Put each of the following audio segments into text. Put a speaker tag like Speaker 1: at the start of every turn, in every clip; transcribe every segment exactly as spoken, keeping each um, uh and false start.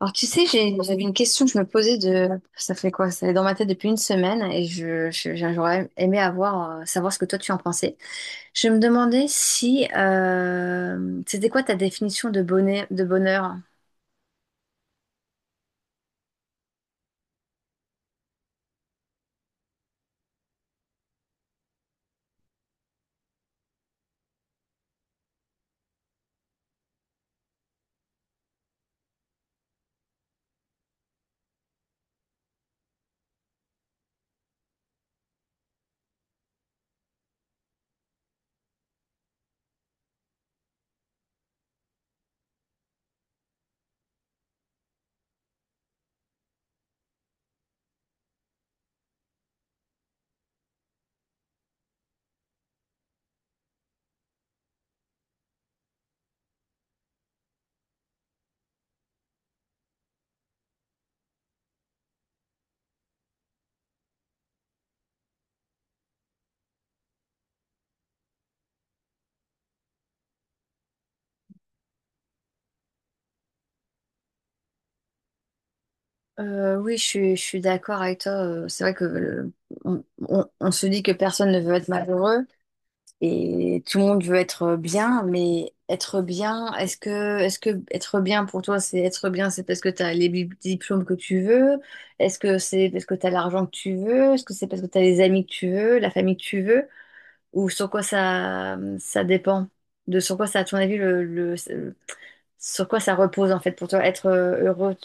Speaker 1: Alors, tu sais, j'ai- j'avais une question que je me posais de, ça fait quoi? Ça est dans ma tête depuis une semaine et je, je- j'aurais aimé avoir, euh, savoir ce que toi tu en pensais. Je me demandais si, euh, c'était quoi ta définition de bonheur, de bonheur? Euh, oui, je suis, je suis d'accord avec toi. euh, C'est vrai que le- on, on- on se dit que personne ne veut être malheureux, et tout le monde veut être bien, mais être bien, est-ce que, est-ce que être bien pour toi, c'est être bien, c'est parce que tu as les bi- diplômes que tu veux? Est-ce que c'est parce que tu as l'argent que tu veux? Est-ce que c'est parce que tu as les amis que tu veux, la famille que tu veux? Ou sur quoi ça, ça dépend? De sur quoi ça, à ton avis, le, le- sur quoi ça repose en fait pour toi, être euh, heureux?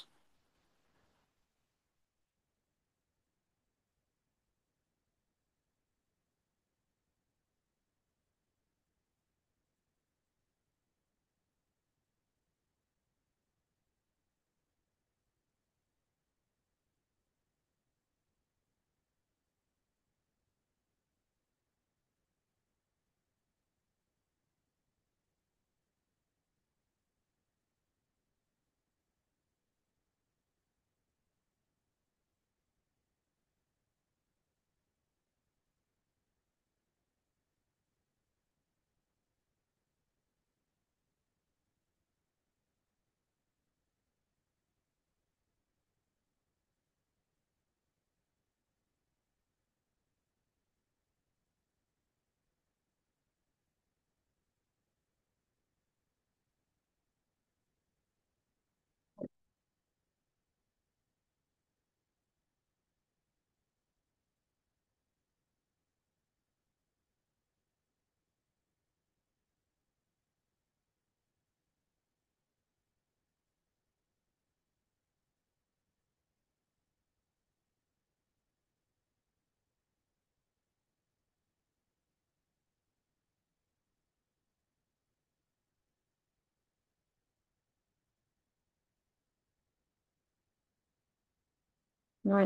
Speaker 1: Oui.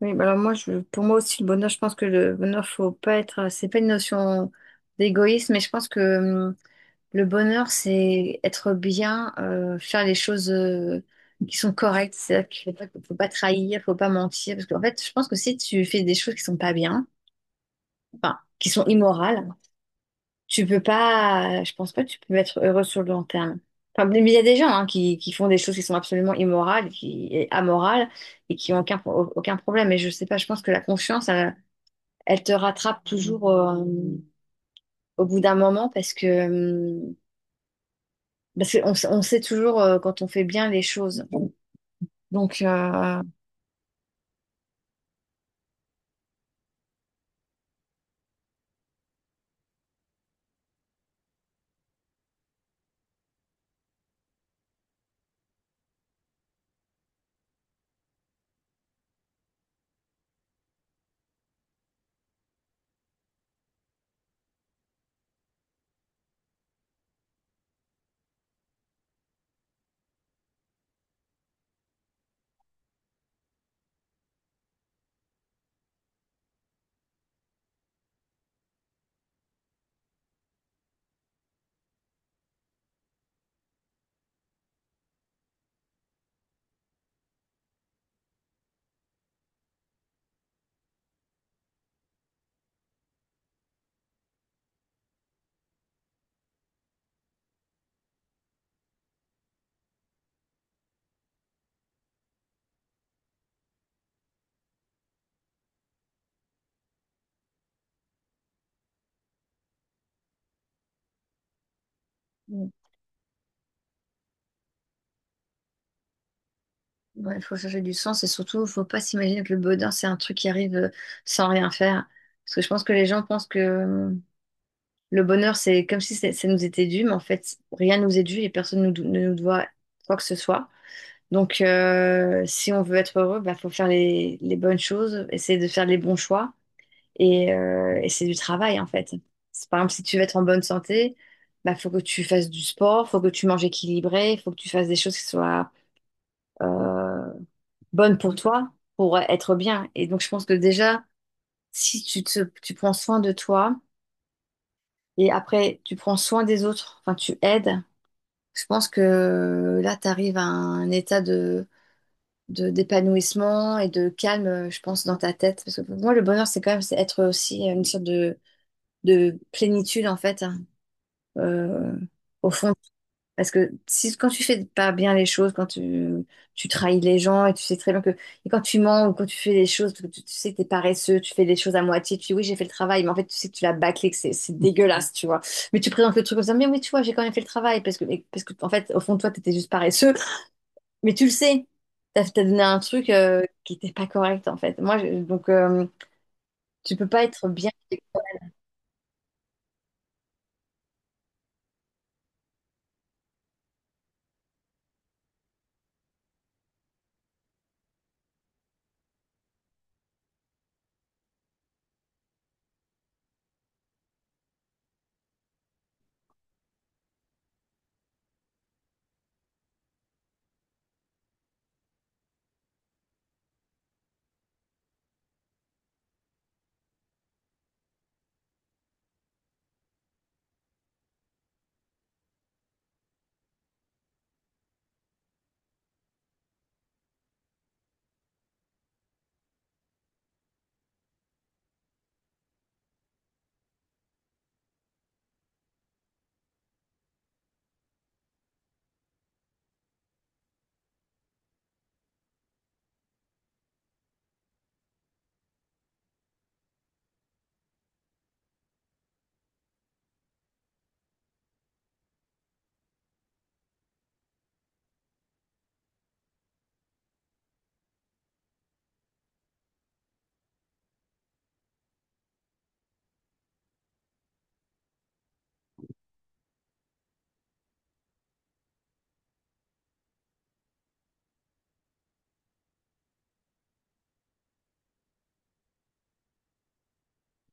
Speaker 1: Oui, bah alors moi, je, pour moi aussi, le bonheur, je pense que le bonheur, faut pas être, c'est pas une notion d'égoïsme, mais je pense que le bonheur, c'est être bien, euh, faire les choses euh, qui sont correctes. C'est-à-dire qu'il ne faut pas, faut pas trahir, faut pas mentir. Parce qu'en fait, je pense que si tu fais des choses qui sont pas bien, enfin, qui sont immorales, tu peux pas, je pense pas que tu peux être heureux sur le long terme. Enfin, mais il y a des gens hein, qui, qui font des choses qui sont absolument immorales, qui, et amorales, et qui ont aucun, pro- aucun problème. Mais je sais pas, je pense que la conscience, elle, elle te rattrape toujours euh, au bout d'un moment parce que hum, parce qu'on s- on sait toujours euh, quand on fait bien les choses. Donc, euh, ouais, il faut chercher du sens et surtout, il faut pas s'imaginer que le bonheur, c'est un truc qui arrive euh, sans rien faire. Parce que je pense que les gens pensent que euh, le bonheur, c'est comme si c'est- ça nous était dû, mais en fait, rien nous est dû et personne nous do- ne nous doit quoi que ce soit. Donc, euh, si on veut être heureux, bah faut faire les, les bonnes choses, essayer de faire les bons choix et, euh, et c'est du travail, en fait. C'est- Par exemple, si tu veux être en bonne santé, bah, faut que tu fasses du sport, faut que tu manges équilibré, faut que tu fasses des choses qui soient euh, bonnes pour toi, pour être bien. Et donc, je pense que déjà, si tu te, tu prends soin de toi et après, tu prends soin des autres, enfin, tu aides, je pense que là, tu arrives à un état de, de, d'épanouissement et de calme, je pense, dans ta tête. Parce que pour moi, le bonheur, c'est quand même c'est être aussi une sorte de, de plénitude, en fait euh, au fond. Parce que si, quand tu fais pas bien les choses, quand tu, tu trahis les gens et tu sais très bien que. Et quand tu mens ou quand tu fais les choses, parce que tu, tu sais que t'es paresseux, tu fais les choses à moitié, tu dis oui, j'ai fait le travail, mais en fait, tu sais que tu l'as bâclé, que c'est c'est dégueulasse, tu vois. Mais tu présentes le truc comme ça, mais oui, tu vois, j'ai quand même fait le travail, parce que, mais- parce que en fait, au fond de toi, t'étais juste paresseux, mais tu le sais. T'as t'as donné un truc euh, qui n'était pas correct, en fait. Moi, je- donc, euh, tu peux pas être bien.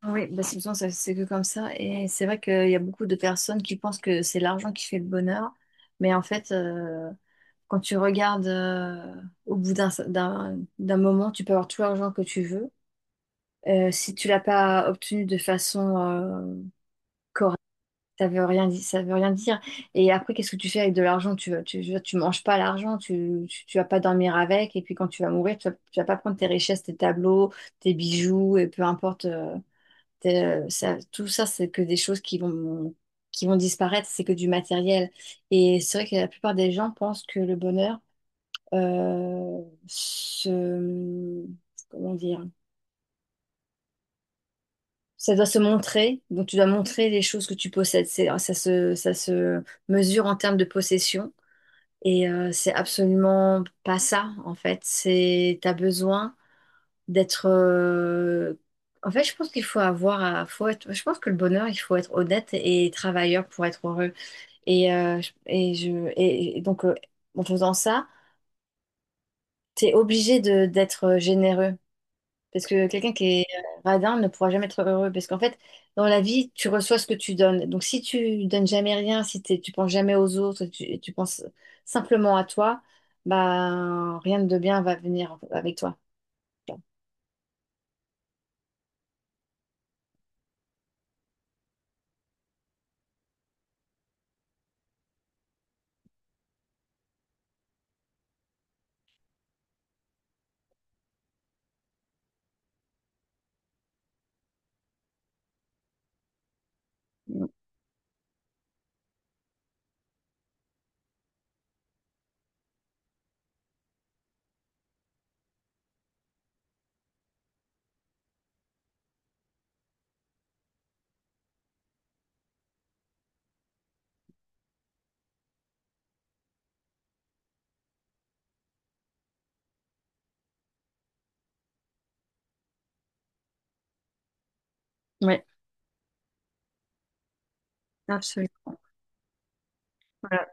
Speaker 1: Oui, bah, c'est besoin, ça- c'est que comme ça. Et c'est vrai qu'il y a beaucoup de personnes qui pensent que c'est l'argent qui fait le bonheur. Mais en fait, euh, quand tu regardes euh, au bout d'un d'un- d'un moment, tu peux avoir tout l'argent que tu veux. Euh, si tu l'as pas obtenu de façon, euh, ça veut rien dire, ça veut rien dire. Et après, qu'est-ce que tu fais avec de l'argent? Tu, vas- tu, je veux dire, tu manges pas l'argent, tu, tu, tu vas pas dormir avec. Et puis quand tu vas mourir, tu vas, tu vas pas prendre tes richesses, tes tableaux, tes bijoux, et peu importe. Euh, euh, ça, tout ça, c'est que des choses qui vont, qui vont disparaître, c'est que du matériel. Et c'est vrai que la plupart des gens pensent que le bonheur, euh, se, comment dire, ça doit se montrer. Donc, tu dois montrer les choses que tu possèdes. C'est, ça se, ça se mesure en termes de possession. Et euh, c'est absolument pas ça, en fait. C'est, t'as besoin d'être euh, en fait je pense qu'il faut avoir à- faut être je pense que le bonheur il faut être honnête et travailleur pour être heureux et euh, je- et je et, et donc euh, en faisant ça t'es obligé de d'être généreux parce que quelqu'un qui est euh, radin ne pourra jamais être heureux parce qu'en fait dans la vie tu reçois ce que tu donnes donc si tu donnes jamais rien si t'es- tu penses jamais aux autres si tu, tu penses simplement à toi bah rien de bien va venir avec toi, ouais, absolument, voilà.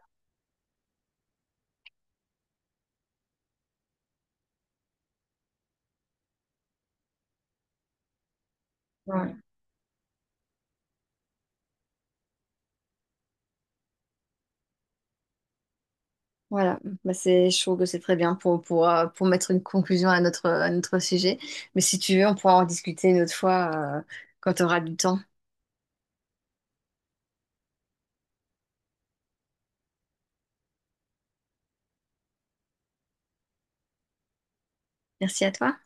Speaker 1: Ouais. Voilà, bah c'est, je trouve que c'est très bien pour, pour, euh, pour mettre une conclusion à notre, à notre sujet. Mais si tu veux, on pourra en discuter une autre fois, euh, quand tu auras du temps. Merci à toi.